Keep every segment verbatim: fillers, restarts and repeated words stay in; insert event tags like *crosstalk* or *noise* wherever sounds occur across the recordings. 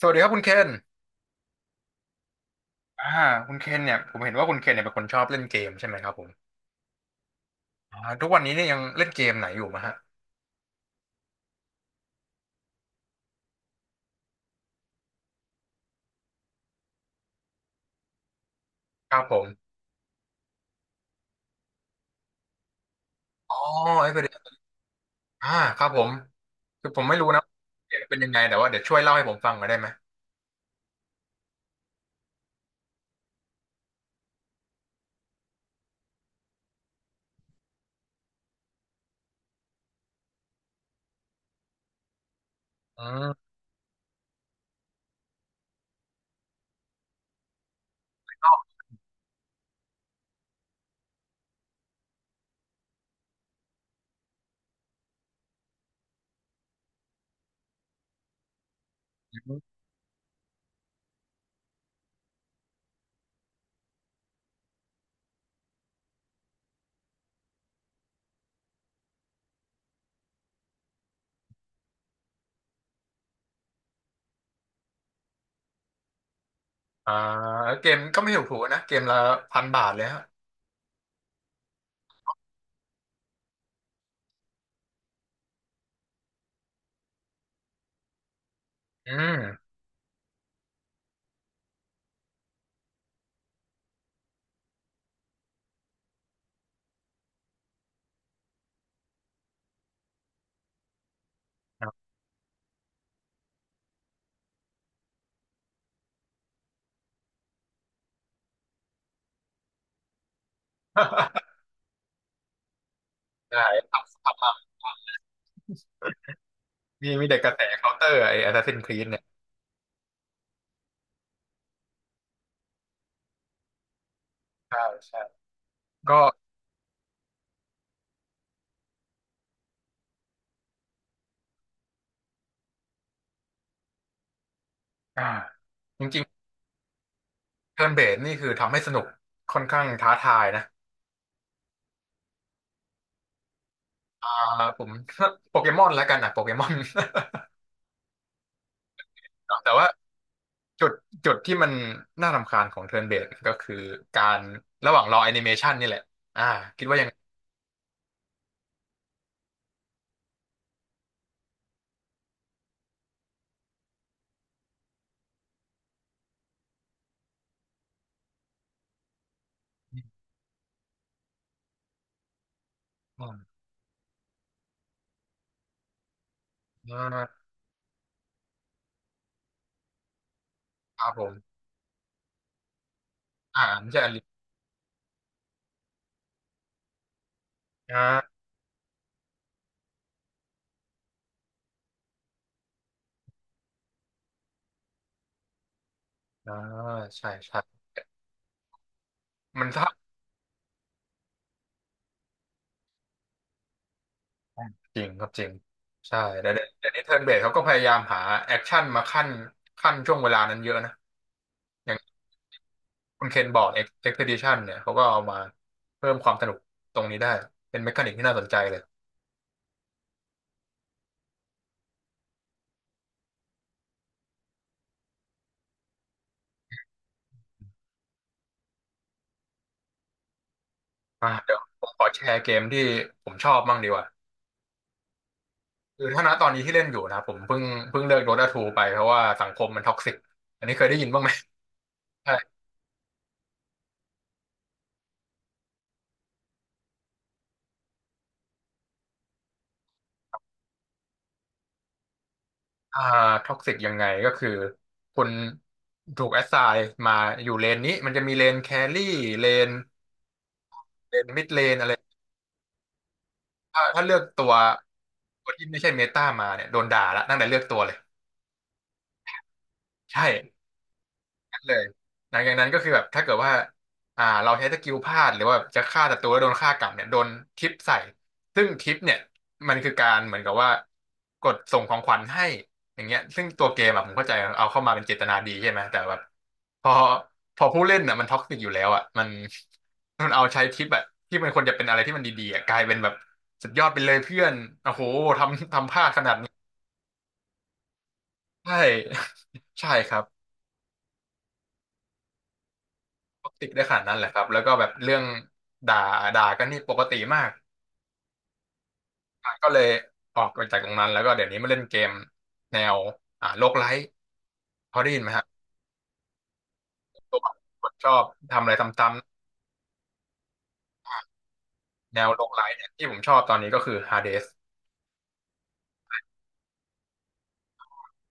สวัสดีครับคุณเคนอ่าคุณเคนเนี่ยผมเห็นว่าคุณเคนเนี่ยเป็นคนชอบเล่นเกมใช่ไหมครับผมอ่าทุกวันนี้เนี่ยยังเล่นเกมไหนอยู่มะฮะครับผมอ๋อไอ้ประเด็นอ่าครับผมคือผมไม่รู้นะเกมเป็นยังไงแต่ว่าเดี๋ยวช่วยเล่าให้ผมฟังหน่อยได้ไหมอืมอ่าเกมก็ไม่ถูกถูกนะเกมละพันบาทเลยฮะอืม *laughs* ได้ทำทำมามีมีเด็กกระแสเคาน์เตอร์ไอ้ Assassin's Creed เนี่ยใช่ใช่ก็อ่าจริงๆเทิร์นเบสนี่คือทำให้สนุกค่อนข้างท้าทายนะ อ่าผม *laughs* โปเกมอนแล้วกันนะโปเกมอน *laughs* แต่ว่าจุดจุดที่มันน่ารำคาญของเทิร์นเบสก็คือการระหว่างรอแอนิเมชันนี่แหละอ่าคิดว่ายังไงอ่าอ่าครับผมอ่าไม่ใช่อนิเมอ่าอ่าใช่ใช่มันท้าจริงครับจริงใช่แต่เดี๋ยวเดี๋ยวนี้เทิร์นเบสเขาก็พยายามหาแอคชั่นมาขั้นขั้นช่วงเวลานั้นเยอะนะอย่างคุณเคนบอกเอ็กซ์เพดิชันเนี่ยเขาก็เอามาเพิ่มความสนุกตรงนี้ได้เป็นเมคานิกที่น่าสนใจเลย อ่ะเดี๋ยวผมขอแชร์เกมที่ผมชอบบ้างดีกว่าคือถ้าณตอนนี้ที่เล่นอยู่นะผมเพิ่งเพิ่งเลิก Dota ทูไปเพราะว่าสังคมมันท็อกซิกอันนี้เคยได้ยินบ้างไหมใช่อ่าท็อกซิกยังไงก็คือคุณถูกแอสไซน์มาอยู่เลนนี้มันจะมีเลนแครี่เลนเลนมิดเลนอะไรถ้าถ้าเลือกตัวตัวที่ไม่ใช่เมตามาเนี่ยโดนด่าละตั้งแต่เลือกตัวเลยใช่ เลยหลังจากนั้นก็คือแบบถ้าเกิดว่าอ่าเราใช้สกิลพลาดหรือว่าแบบจะฆ่าศัตรูแล้วโดนฆ่ากลับเนี่ยโดนทิปใส่ซึ่งทิปเนี่ยมันคือการเหมือนกับว่ากดส่งของขวัญให้อย่างเงี้ยซึ่งตัวเกมอะผมเข้าใจเอาเข้ามาเป็นเจตนาดีใช่ไหมแต่แบบพอพอผู้เล่นอ่ะมันท็อกซิกอยู่แล้วอ่ะมันมันเอาใช้ทิปอ่ะที่มันควรจะเป็นอะไรที่มันดีๆอ่ะกลายเป็นแบบสุดยอดไปเลยเพื่อนโอ้โหทำทำพลาดขนาดนี้ใช่ *laughs* ใช่ครับ ปกติได้ขนาดนั้นแหละครับแล้วก็แบบเรื่องด่าด่ากันนี่ปกติมากอ่ะก็เลยออกไปจากตรงนั้นแล้วก็เดี๋ยวนี้มาเล่นเกมแนวอ่าโลกไลท์พอได้ยินไหมฮะตัวผมชอบทำอะไรซ้ำๆแนวโลกไลท์เนี่ยที่ผมชอบตอนนี้ก็คือ Hades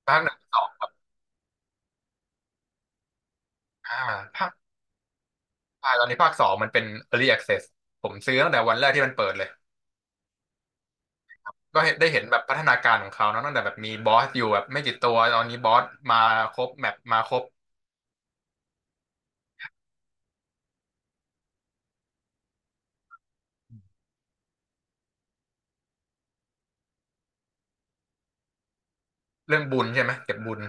ภาคหนึ่งสองอ่าภาคภาคตอนนี้ภาคสองมันเป็น Early Access ผมซื้อตั้งแต่วันแรกที่มันเปิดเลยก็เห็นได้เห็นแบบพัฒนาการของเขาเนอะตั้งแต่แบบมีบอสอยู่แบบไม่กี่ตัวตอนนี้บอสมาครบแมปมาครบเรื่องบุญใช่ไหมเก็บบุญ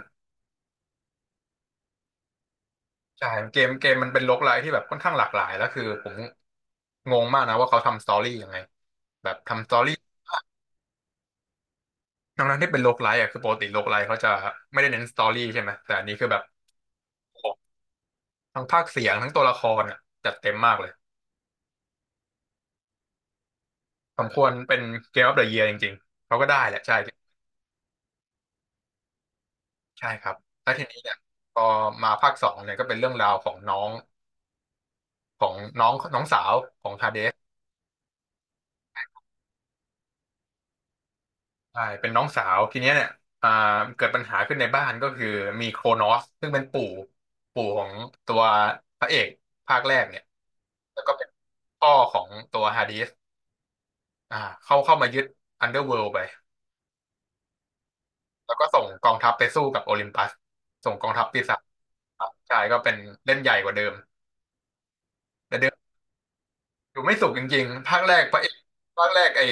ใช่เกมเกมมันเป็นโรคไลท์ที่แบบค่อนข้างหลากหลายแล้วคือผมงงมากนะว่าเขาทำสตอรี่ยังไงแบบทำสตอรี่ทั้งนั้นที่เป็นโรคไลท์อ่ะคือปกติโรคไลท์เขาจะไม่ได้เน้นสตอรี่ใช่ไหมแต่อันนี้คือแบบโอ้โหทั้งภาคเสียงทั้งตัวละครอ่ะจัดเต็มมากเลยสมควรเป็นเกมออฟเดอะเยียร์จริงๆเขาก็ได้แหละใช่ใช่ครับแล้วทีนี้เนี่ยพอมาภาคสองเนี่ยก็เป็นเรื่องราวของน้องของน้องน้องสาวของทาเด ใช่เป็นน้องสาวทีเนี้ยเนี่ยอ่าเกิดปัญหาขึ้นในบ้านก็คือมีโครนอสซึ่งเป็นปู่ปู่ของตัวพระเอกภาคแรกเนี่ยแล้วก็เป็นพ่อของตัวฮาดิสอ่าเข้าเข้ามายึดอันเดอร์เวิลด์ไปแล้วก็ส่งกองทัพไปสู้กับโอลิมปัสส่งกองทัพปีศาจครับใช่ก็เป็นเล่นใหญ่กว่าเดิมแต่เดิมอยู่ไม่สุขจริงๆภาคแรกพระเอกภาคแรกไอ้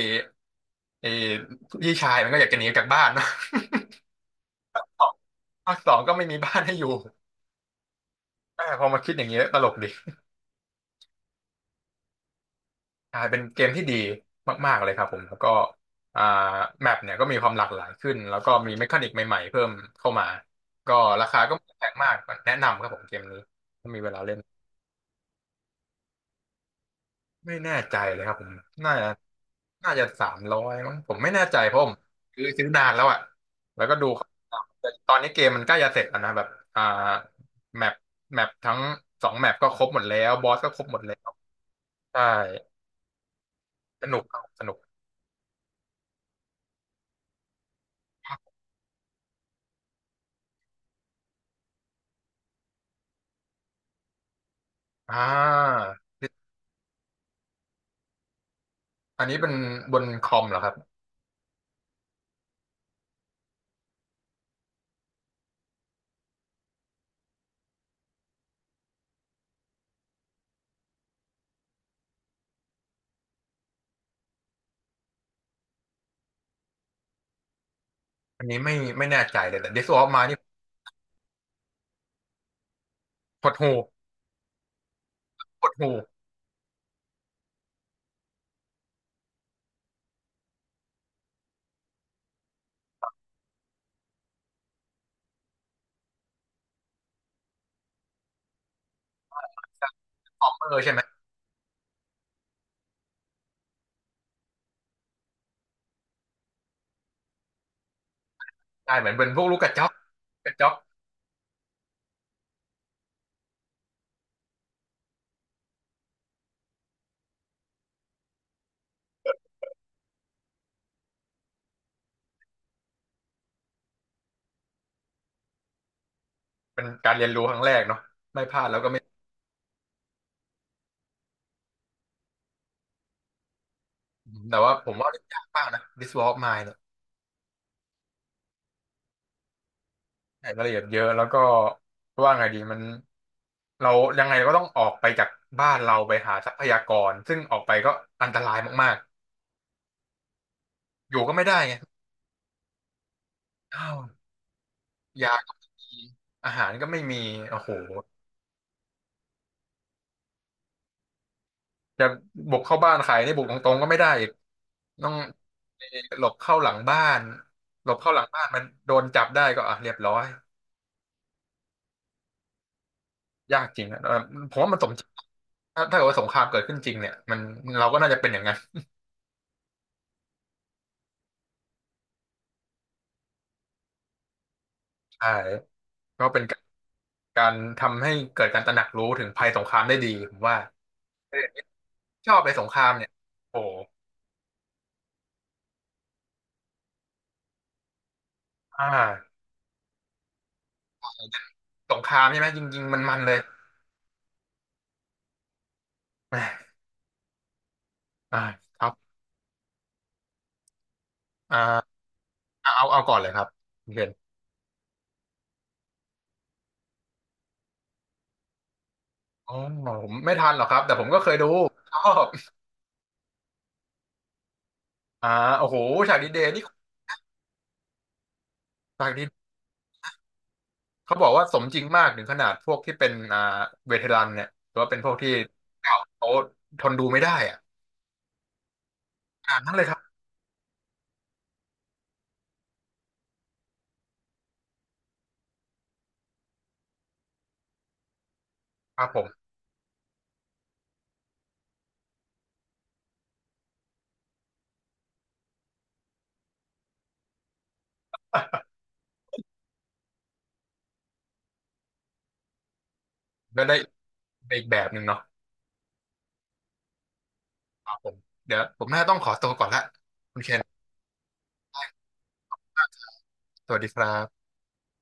ไอ้พี่ชายมันก็อยากจะหนีออกจากบ้านเนอะ *laughs* ภาคสองก็ไม่มีบ้านให้อยู่เออพอมาคิดอย่างเงี้ยตลกดี ใช่เป็นเกมที่ดีมากๆเลยครับผมแล้วก็อ่าแมปเนี่ยก็มีความหลากหลายขึ้นแล้วก็มีเมคานิกใหม่ๆเพิ่มเข้ามาก็ราคาก็ไม่แพงมากแนะนำครับผมเกมนี้ถ้ามีเวลาเล่นไม่แน่ใจเลยครับผมน่าจะน่าจะสามร้อยมั้งผมไม่แน่ใจเพราะผมคือซื้อนานแล้วอ่ะแล้วก็ดูแต่ตอนนี้เกมมันใกล้จะเสร็จแล้วนะแบบอ่าแมปแมปทั้งสองแมปก็ครบหมดแล้วบอสก็ครบหมดแล้วใช่สนุกครับสนุกอ่า อันนี้เป็นบนคอมเหรอครับอันนี้ไม่ไม่แน่ใจเลยแต่ ที ไอ เอส ดับเบิลยู โอ เอฟ เอ็ม ไอ เอ็น นี่หดหูหดหูคอมเมอร์ใช่ไหมใช่เหมือนเป็นพวกลูกกระจอกกระจอกเป็นการเรียนรู้ครั้งแรกเนาะไม่พลาดแล้วก็ไม่แต่ว่าผมว่าเล่นยากมากนะ This War of Mine เนี่ยใช่รายละเอียดเยอะแล้วก็ว่าไงดีมันเรายังไงเราก็ต้องออกไปจากบ้านเราไปหาทรัพยากรซึ่งออกไปก็อันตรายมากๆอยู่ก็ไม่ได้ไงอ้าวยากิอาหารก็ไม่มีโอ้โหจะบุกเข้าบ้านใครนี่บุกตรงๆก็ไม่ได้อีก ต้องหลบเข้าหลังบ้านหลบเข้าหลังบ้านมันโดนจับได้ก็อ่ะเรียบร้อยยากจริงนะเออผมว่ามันสมจริงถ้าถ้าเกิดว่าสงครามเกิดขึ้นจริงเนี่ยมันเราก็น่าจะเป็นอย่างนั้นใช่ก็เป็นการการทำให้เกิดการตระหนักรู้ถึงภัยสงครามได้ดีผมว่าเออชอบไปสงครามเนี่ยโอ้โหอ่าสงครามใช่ไหมจริงๆมันมันเลยแหม่อ่าครับอ่าเอาเอาก่อนเลยครับคุณเคนอ๋อผมไม่ทันหรอกครับแต่ผมก็เคยดูชอบอ่าโอ้โหฉากดีเดย์นี่ ภาคนี้เขาบอกว่าสมจริงมากถึงขนาดพวกที่เป็นอ่าเวเทรันเนี่ยหรือว่าเป็นพวกที่เก่าเขาทนดูไม่ได้อ่ะขนาดนั้นเลยครับครับผมแล้วได้อีกแบบหนึ่งเนาะครับผมเดี๋ยวผมน่าต้องขอตัวก่อนละคุณเคนสวัสดีครับ